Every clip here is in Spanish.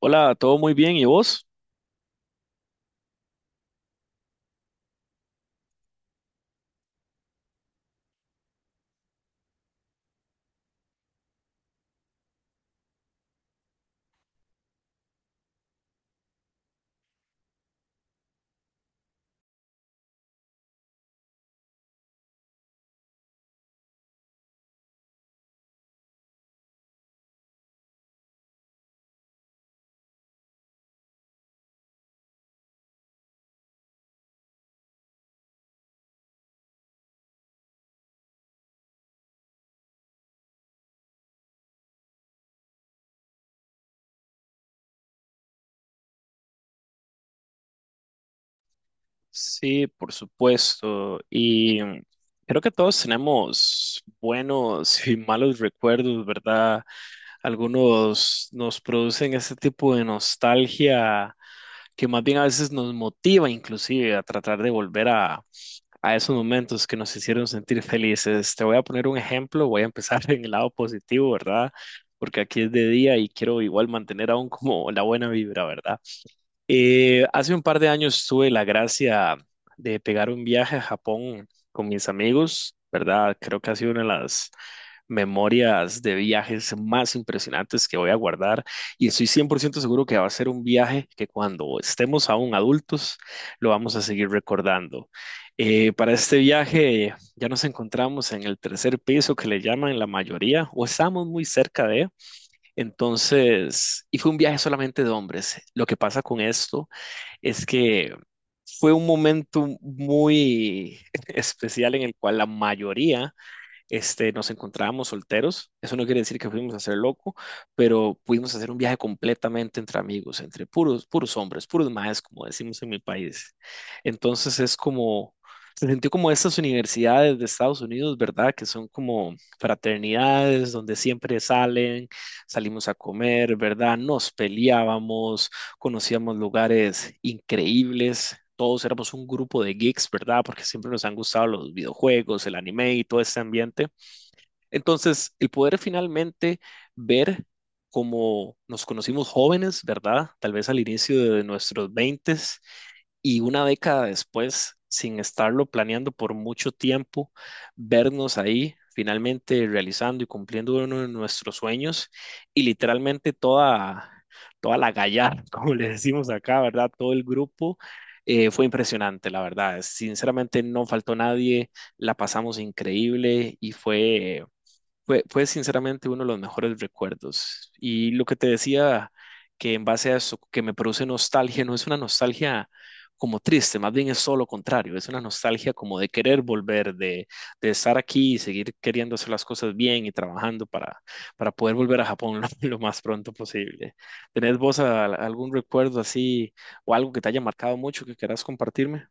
Hola, todo muy bien, ¿y vos? Sí, por supuesto. Y creo que todos tenemos buenos y malos recuerdos, ¿verdad? Algunos nos producen ese tipo de nostalgia que más bien a veces nos motiva inclusive a tratar de volver a esos momentos que nos hicieron sentir felices. Te voy a poner un ejemplo, voy a empezar en el lado positivo, ¿verdad? Porque aquí es de día y quiero igual mantener aún como la buena vibra, ¿verdad? Hace un par de años tuve la gracia de pegar un viaje a Japón con mis amigos, ¿verdad? Creo que ha sido una de las memorias de viajes más impresionantes que voy a guardar y estoy 100% seguro que va a ser un viaje que cuando estemos aún adultos lo vamos a seguir recordando. Para este viaje ya nos encontramos en el tercer piso que le llaman la mayoría o estamos muy cerca de. Entonces, y fue un viaje solamente de hombres. Lo que pasa con esto es que fue un momento muy especial en el cual la mayoría nos encontrábamos solteros. Eso no quiere decir que fuimos a ser loco, pero pudimos hacer un viaje completamente entre amigos, entre puros, puros hombres, puros maes, como decimos en mi país. Entonces es como, se sintió como estas universidades de Estados Unidos, ¿verdad? Que son como fraternidades donde siempre salimos a comer, ¿verdad? Nos peleábamos, conocíamos lugares increíbles, todos éramos un grupo de geeks, ¿verdad? Porque siempre nos han gustado los videojuegos, el anime y todo ese ambiente. Entonces, el poder finalmente ver cómo nos conocimos jóvenes, ¿verdad? Tal vez al inicio de nuestros veintes y una década después, sin estarlo planeando por mucho tiempo, vernos ahí finalmente realizando y cumpliendo uno de nuestros sueños y literalmente toda la gallar, como le decimos acá, ¿verdad? Todo el grupo. Fue impresionante, la verdad. Sinceramente no faltó nadie, la pasamos increíble y fue sinceramente uno de los mejores recuerdos. Y lo que te decía, que en base a eso, que me produce nostalgia, no es una nostalgia como triste, más bien es todo lo contrario, es una nostalgia como de querer volver, de estar aquí y seguir queriendo hacer las cosas bien y trabajando para poder volver a Japón lo más pronto posible. ¿Tenés vos algún recuerdo así o algo que te haya marcado mucho que quieras compartirme?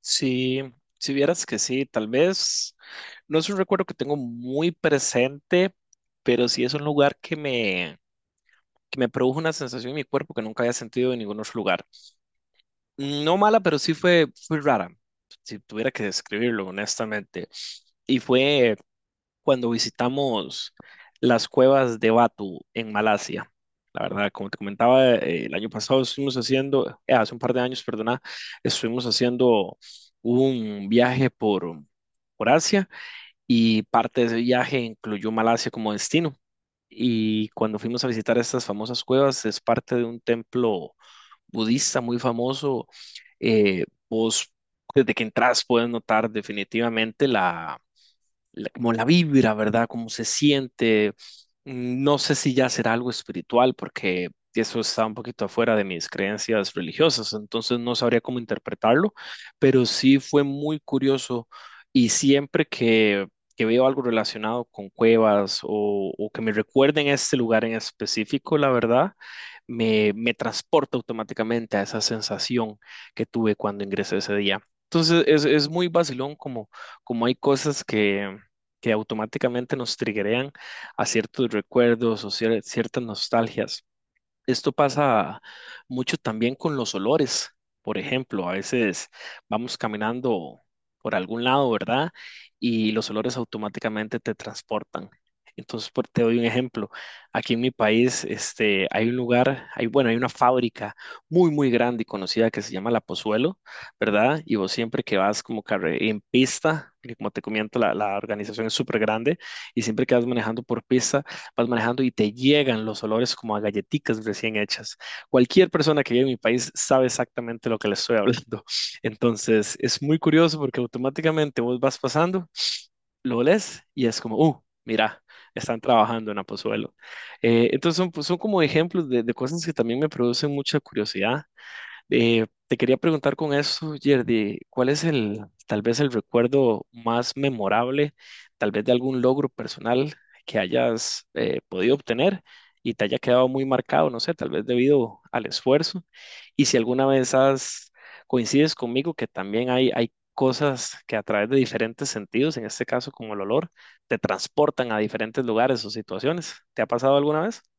Sí, si vieras que sí, tal vez no es un recuerdo que tengo muy presente, pero sí es un lugar que me produjo una sensación en mi cuerpo que nunca había sentido en ningún otro lugar. No mala, pero sí fue rara, si tuviera que describirlo honestamente. Y fue cuando visitamos las cuevas de Batu en Malasia. La verdad, como te comentaba, el año pasado estuvimos haciendo, hace un par de años, perdona, estuvimos haciendo un viaje por Asia y parte de ese viaje incluyó Malasia como destino. Y cuando fuimos a visitar estas famosas cuevas, es parte de un templo budista muy famoso. Vos, desde que entras, puedes notar definitivamente como la vibra, ¿verdad? Cómo se siente. No sé si ya será algo espiritual, porque eso está un poquito afuera de mis creencias religiosas, entonces no sabría cómo interpretarlo, pero sí fue muy curioso y siempre que veo algo relacionado con cuevas o que me recuerden este lugar en específico, la verdad, me transporta automáticamente a esa sensación que tuve cuando ingresé ese día. Entonces es muy vacilón como, como hay cosas que automáticamente nos triggerean a ciertos recuerdos o ciertas nostalgias. Esto pasa mucho también con los olores. Por ejemplo, a veces vamos caminando por algún lado, ¿verdad? Y los olores automáticamente te transportan. Entonces, te doy un ejemplo. Aquí en mi país, este, hay un lugar, bueno, hay una fábrica muy, muy grande y conocida que se llama La Pozuelo, ¿verdad? Y vos siempre que vas como en pista, porque como te comento, la organización es súper grande, y siempre que vas manejando por pista, vas manejando y te llegan los olores como a galletitas recién hechas. Cualquier persona que vive en mi país sabe exactamente lo que le estoy hablando. Entonces, es muy curioso porque automáticamente vos vas pasando, lo olés y es como, mira, están trabajando en Apozuelo. Entonces, son, pues, son como ejemplos de cosas que también me producen mucha curiosidad. Te quería preguntar con eso, Yerdy, ¿cuál es el, tal vez el recuerdo más memorable, tal vez de algún logro personal que hayas podido obtener y te haya quedado muy marcado, no sé, tal vez debido al esfuerzo? Y si alguna vez has, coincides conmigo que también hay cosas que a través de diferentes sentidos, en este caso como el olor, te transportan a diferentes lugares o situaciones. ¿Te ha pasado alguna vez?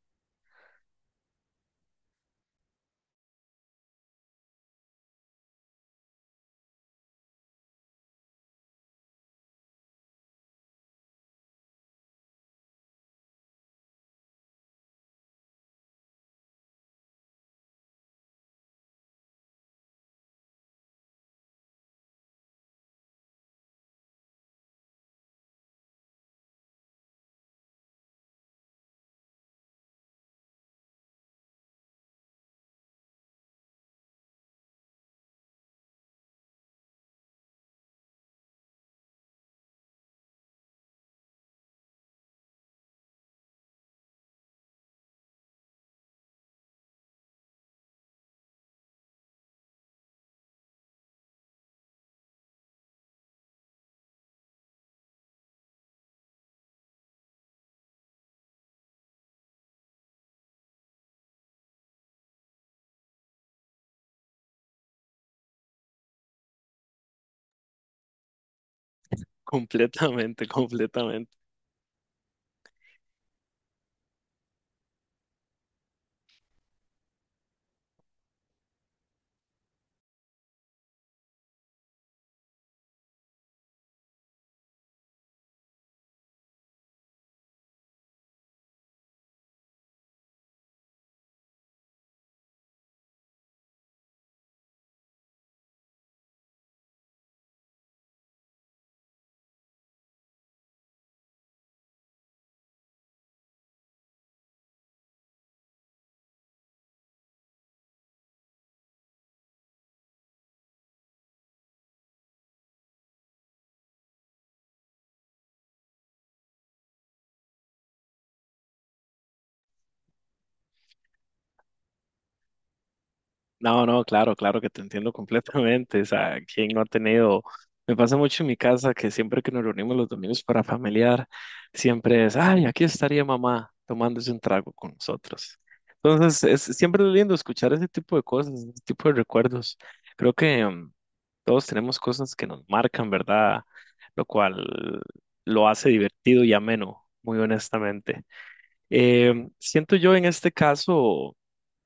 Completamente, completamente. No, no, claro, claro que te entiendo completamente. O sea, ¿quién no ha tenido? Me pasa mucho en mi casa que siempre que nos reunimos los domingos para familiar, siempre es, ay, aquí estaría mamá tomándose un trago con nosotros. Entonces, es siempre es lindo escuchar ese tipo de cosas, ese tipo de recuerdos. Creo que todos tenemos cosas que nos marcan, ¿verdad? Lo cual lo hace divertido y ameno, muy honestamente. Siento yo en este caso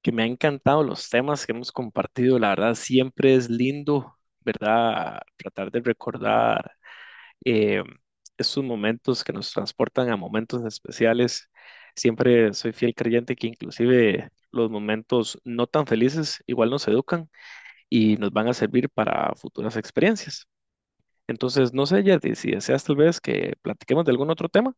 que me han encantado los temas que hemos compartido. La verdad, siempre es lindo, ¿verdad? Tratar de recordar eh, esos momentos que nos transportan a momentos especiales. Siempre soy fiel creyente que inclusive los momentos no tan felices igual nos educan y nos van a servir para futuras experiencias. Entonces, no sé, Yeti, si deseas tal vez que platiquemos de algún otro tema.